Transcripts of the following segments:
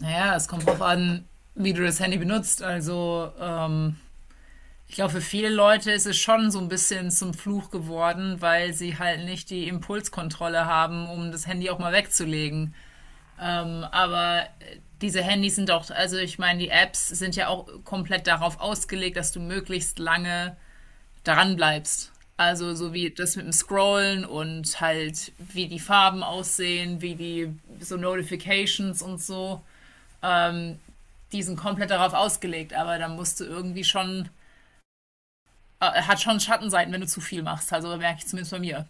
Naja, es kommt drauf an, wie du das Handy benutzt. Also, ich glaube, für viele Leute ist es schon so ein bisschen zum Fluch geworden, weil sie halt nicht die Impulskontrolle haben, um das Handy auch mal wegzulegen. Aber diese Handys sind auch, also ich meine, die Apps sind ja auch komplett darauf ausgelegt, dass du möglichst lange daran bleibst. Also so wie das mit dem Scrollen und halt wie die Farben aussehen, wie die so Notifications und so. Ähm, die sind komplett darauf ausgelegt, aber dann musst du irgendwie schon, hat schon Schattenseiten, wenn du zu viel machst. Also merke ich zumindest bei mir.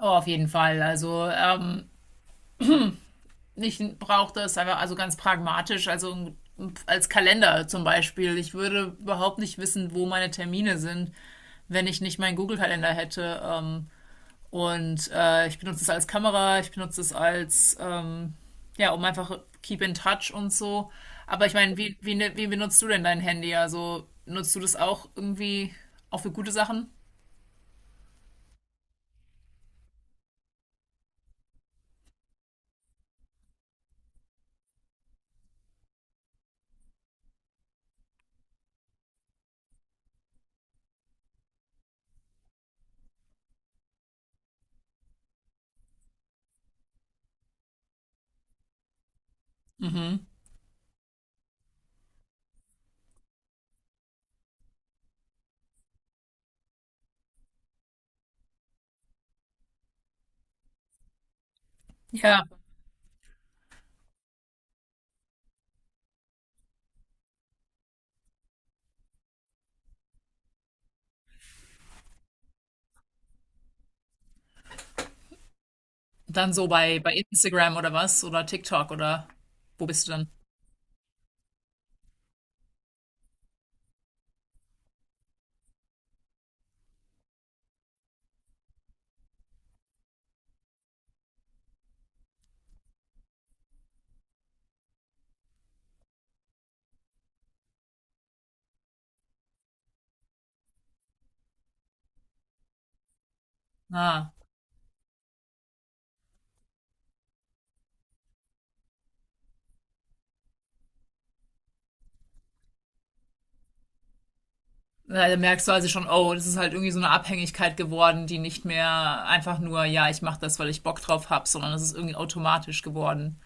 Oh, auf jeden Fall. Also ich brauche das einfach, also ganz pragmatisch, also als Kalender zum Beispiel. Ich würde überhaupt nicht wissen, wo meine Termine sind, wenn ich nicht meinen Google-Kalender hätte. Und ich benutze es als Kamera, ich benutze es als, ja, um einfach keep in touch und so. Aber ich meine, wie benutzt du denn dein Handy? Also nutzt du das auch irgendwie auch für gute Sachen? Mhm. Ja, dann so bei Instagram oder was? Oder TikTok oder wo bist du dann? Ah. Na, da merkst du also schon, oh, das ist halt irgendwie so eine Abhängigkeit geworden, die nicht mehr einfach nur, ja, ich mache das, weil ich Bock drauf habe, sondern es ist irgendwie automatisch geworden.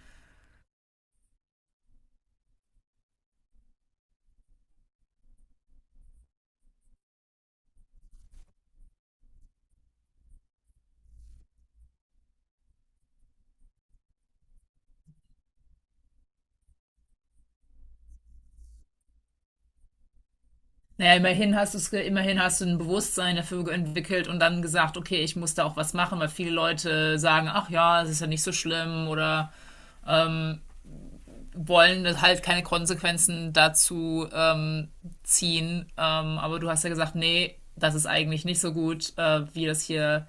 Naja, immerhin hast du's, immerhin hast du ein Bewusstsein dafür entwickelt und dann gesagt, okay, ich muss da auch was machen, weil viele Leute sagen, ach ja, es ist ja nicht so schlimm oder wollen das halt keine Konsequenzen dazu ziehen. Aber du hast ja gesagt, nee, das ist eigentlich nicht so gut, wie das hier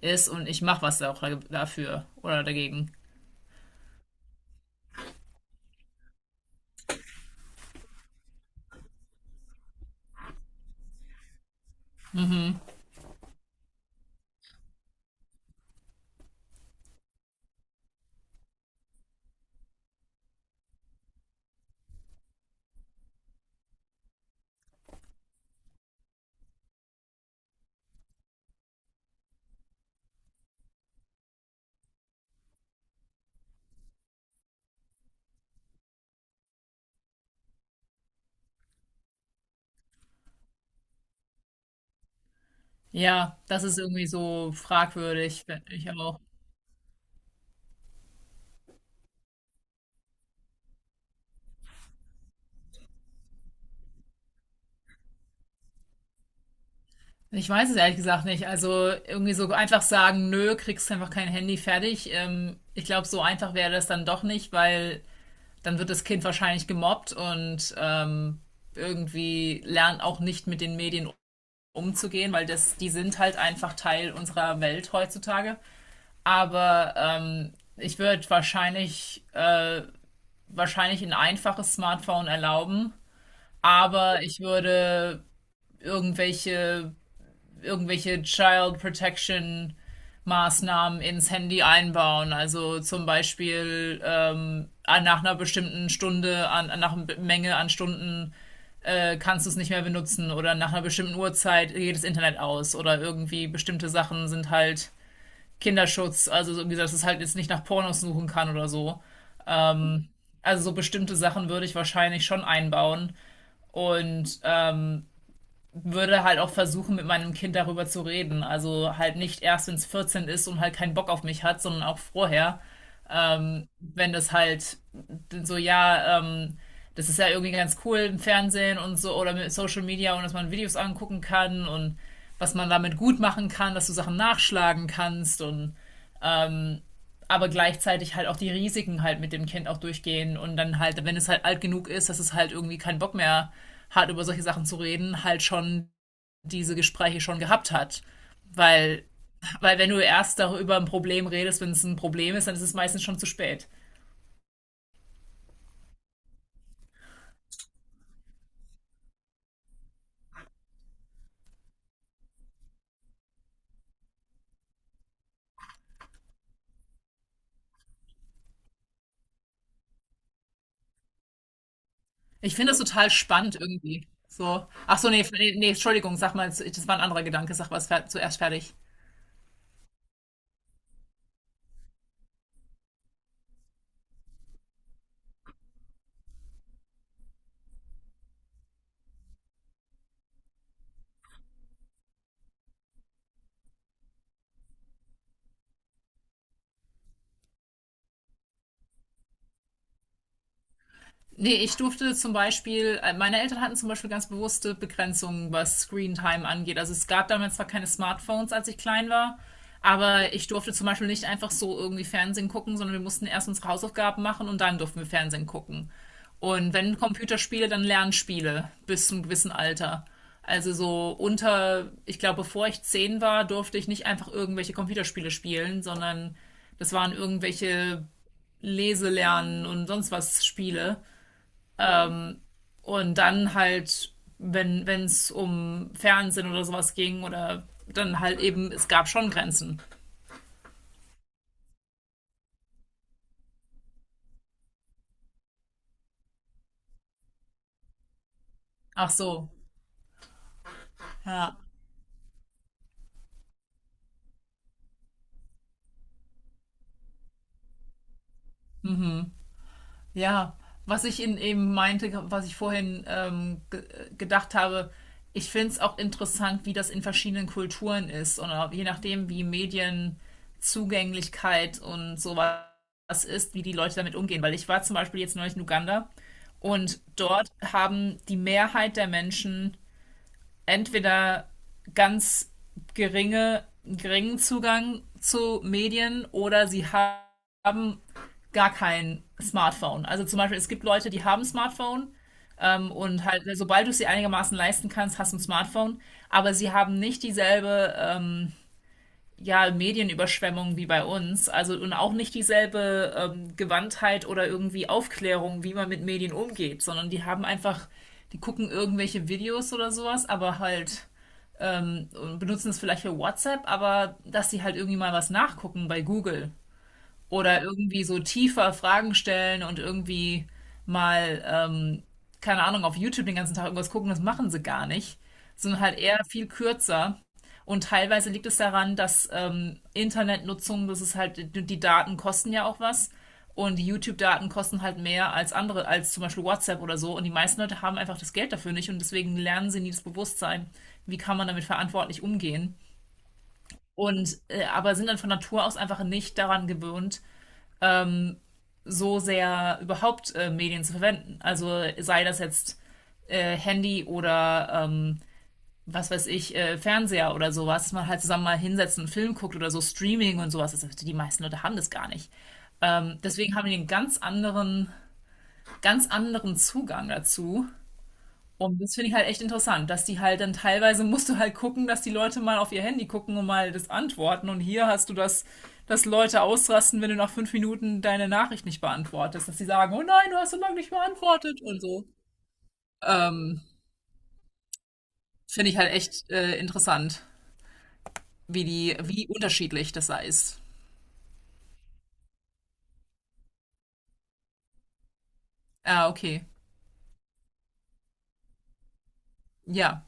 ist und ich mache was da auch dafür oder dagegen. Ja, das ist irgendwie so fragwürdig, finde ich auch. Ich weiß es ehrlich gesagt nicht. Also irgendwie so einfach sagen, nö, kriegst einfach kein Handy fertig. Ich glaube, so einfach wäre das dann doch nicht, weil dann wird das Kind wahrscheinlich gemobbt und irgendwie lernt auch nicht mit den Medien umzugehen, weil das, die sind halt einfach Teil unserer Welt heutzutage. Aber ich würde wahrscheinlich ein einfaches Smartphone erlauben, aber ich würde irgendwelche, irgendwelche Child Protection Maßnahmen ins Handy einbauen. Also zum Beispiel nach einer bestimmten Stunde, an, nach einer Menge an Stunden kannst du es nicht mehr benutzen oder nach einer bestimmten Uhrzeit geht das Internet aus oder irgendwie bestimmte Sachen sind halt Kinderschutz. Also so, wie gesagt, dass es halt jetzt nicht nach Pornos suchen kann oder so. Also so bestimmte Sachen würde ich wahrscheinlich schon einbauen und würde halt auch versuchen, mit meinem Kind darüber zu reden. Also halt nicht erst, wenn es 14 ist und halt keinen Bock auf mich hat, sondern auch vorher. Wenn das halt so, ja, das ist ja irgendwie ganz cool im Fernsehen und so oder mit Social Media und dass man Videos angucken kann und was man damit gut machen kann, dass du Sachen nachschlagen kannst und aber gleichzeitig halt auch die Risiken halt mit dem Kind auch durchgehen und dann halt, wenn es halt alt genug ist, dass es halt irgendwie keinen Bock mehr hat, über solche Sachen zu reden, halt schon diese Gespräche schon gehabt hat. Weil, weil wenn du erst darüber ein Problem redest, wenn es ein Problem ist, dann ist es meistens schon zu spät. Ich finde das total spannend irgendwie. So. Ach so, nee, nee, nee, Entschuldigung, sag mal, das war ein anderer Gedanke, sag mal, es war zuerst fertig. Nee, ich durfte zum Beispiel, meine Eltern hatten zum Beispiel ganz bewusste Begrenzungen, was Screentime angeht. Also es gab damals zwar keine Smartphones, als ich klein war, aber ich durfte zum Beispiel nicht einfach so irgendwie Fernsehen gucken, sondern wir mussten erst unsere Hausaufgaben machen und dann durften wir Fernsehen gucken. Und wenn Computerspiele, dann Lernspiele bis zum gewissen Alter. Also so unter, ich glaube, bevor ich 10 war, durfte ich nicht einfach irgendwelche Computerspiele spielen, sondern das waren irgendwelche Leselernen und sonst was Spiele. Und dann halt, wenn es um Fernsehen oder sowas ging oder dann halt eben, es gab schon Grenzen. Ach so. Ja. Ja. Was ich in, eben meinte, was ich vorhin ge gedacht habe, ich finde es auch interessant, wie das in verschiedenen Kulturen ist und auch je nachdem, wie Medienzugänglichkeit und sowas ist, wie die Leute damit umgehen. Weil ich war zum Beispiel jetzt neulich in Uganda und dort haben die Mehrheit der Menschen entweder ganz geringen Zugang zu Medien oder sie haben gar kein Smartphone. Also zum Beispiel, es gibt Leute, die haben Smartphone und halt, also sobald du es dir einigermaßen leisten kannst, hast du ein Smartphone, aber sie haben nicht dieselbe ja, Medienüberschwemmung wie bei uns, also und auch nicht dieselbe Gewandtheit oder irgendwie Aufklärung, wie man mit Medien umgeht, sondern die haben einfach, die gucken irgendwelche Videos oder sowas, aber halt und benutzen es vielleicht für WhatsApp, aber dass sie halt irgendwie mal was nachgucken bei Google oder irgendwie so tiefer Fragen stellen und irgendwie mal, keine Ahnung, auf YouTube den ganzen Tag irgendwas gucken, das machen sie gar nicht. Sondern halt eher viel kürzer. Und teilweise liegt es daran, dass Internetnutzung, das ist halt, die Daten kosten ja auch was. Und die YouTube-Daten kosten halt mehr als andere, als zum Beispiel WhatsApp oder so. Und die meisten Leute haben einfach das Geld dafür nicht und deswegen lernen sie nie das Bewusstsein, wie kann man damit verantwortlich umgehen. Und aber sind dann von Natur aus einfach nicht daran gewöhnt, so sehr überhaupt Medien zu verwenden. Also sei das jetzt Handy oder was weiß ich, Fernseher oder sowas, dass man halt zusammen mal hinsetzt und einen Film guckt oder so Streaming und sowas. Das, die meisten Leute haben das gar nicht. Deswegen haben die einen ganz anderen Zugang dazu und das finde ich halt echt interessant, dass die halt dann teilweise musst du halt gucken, dass die Leute mal auf ihr Handy gucken und mal das antworten. Und hier hast du das, dass Leute ausrasten, wenn du nach 5 Minuten deine Nachricht nicht beantwortest, dass die sagen, oh nein, du hast so lange nicht beantwortet und so. Ähm, finde ich halt echt interessant, wie unterschiedlich das da ist. Ah, okay. Ja.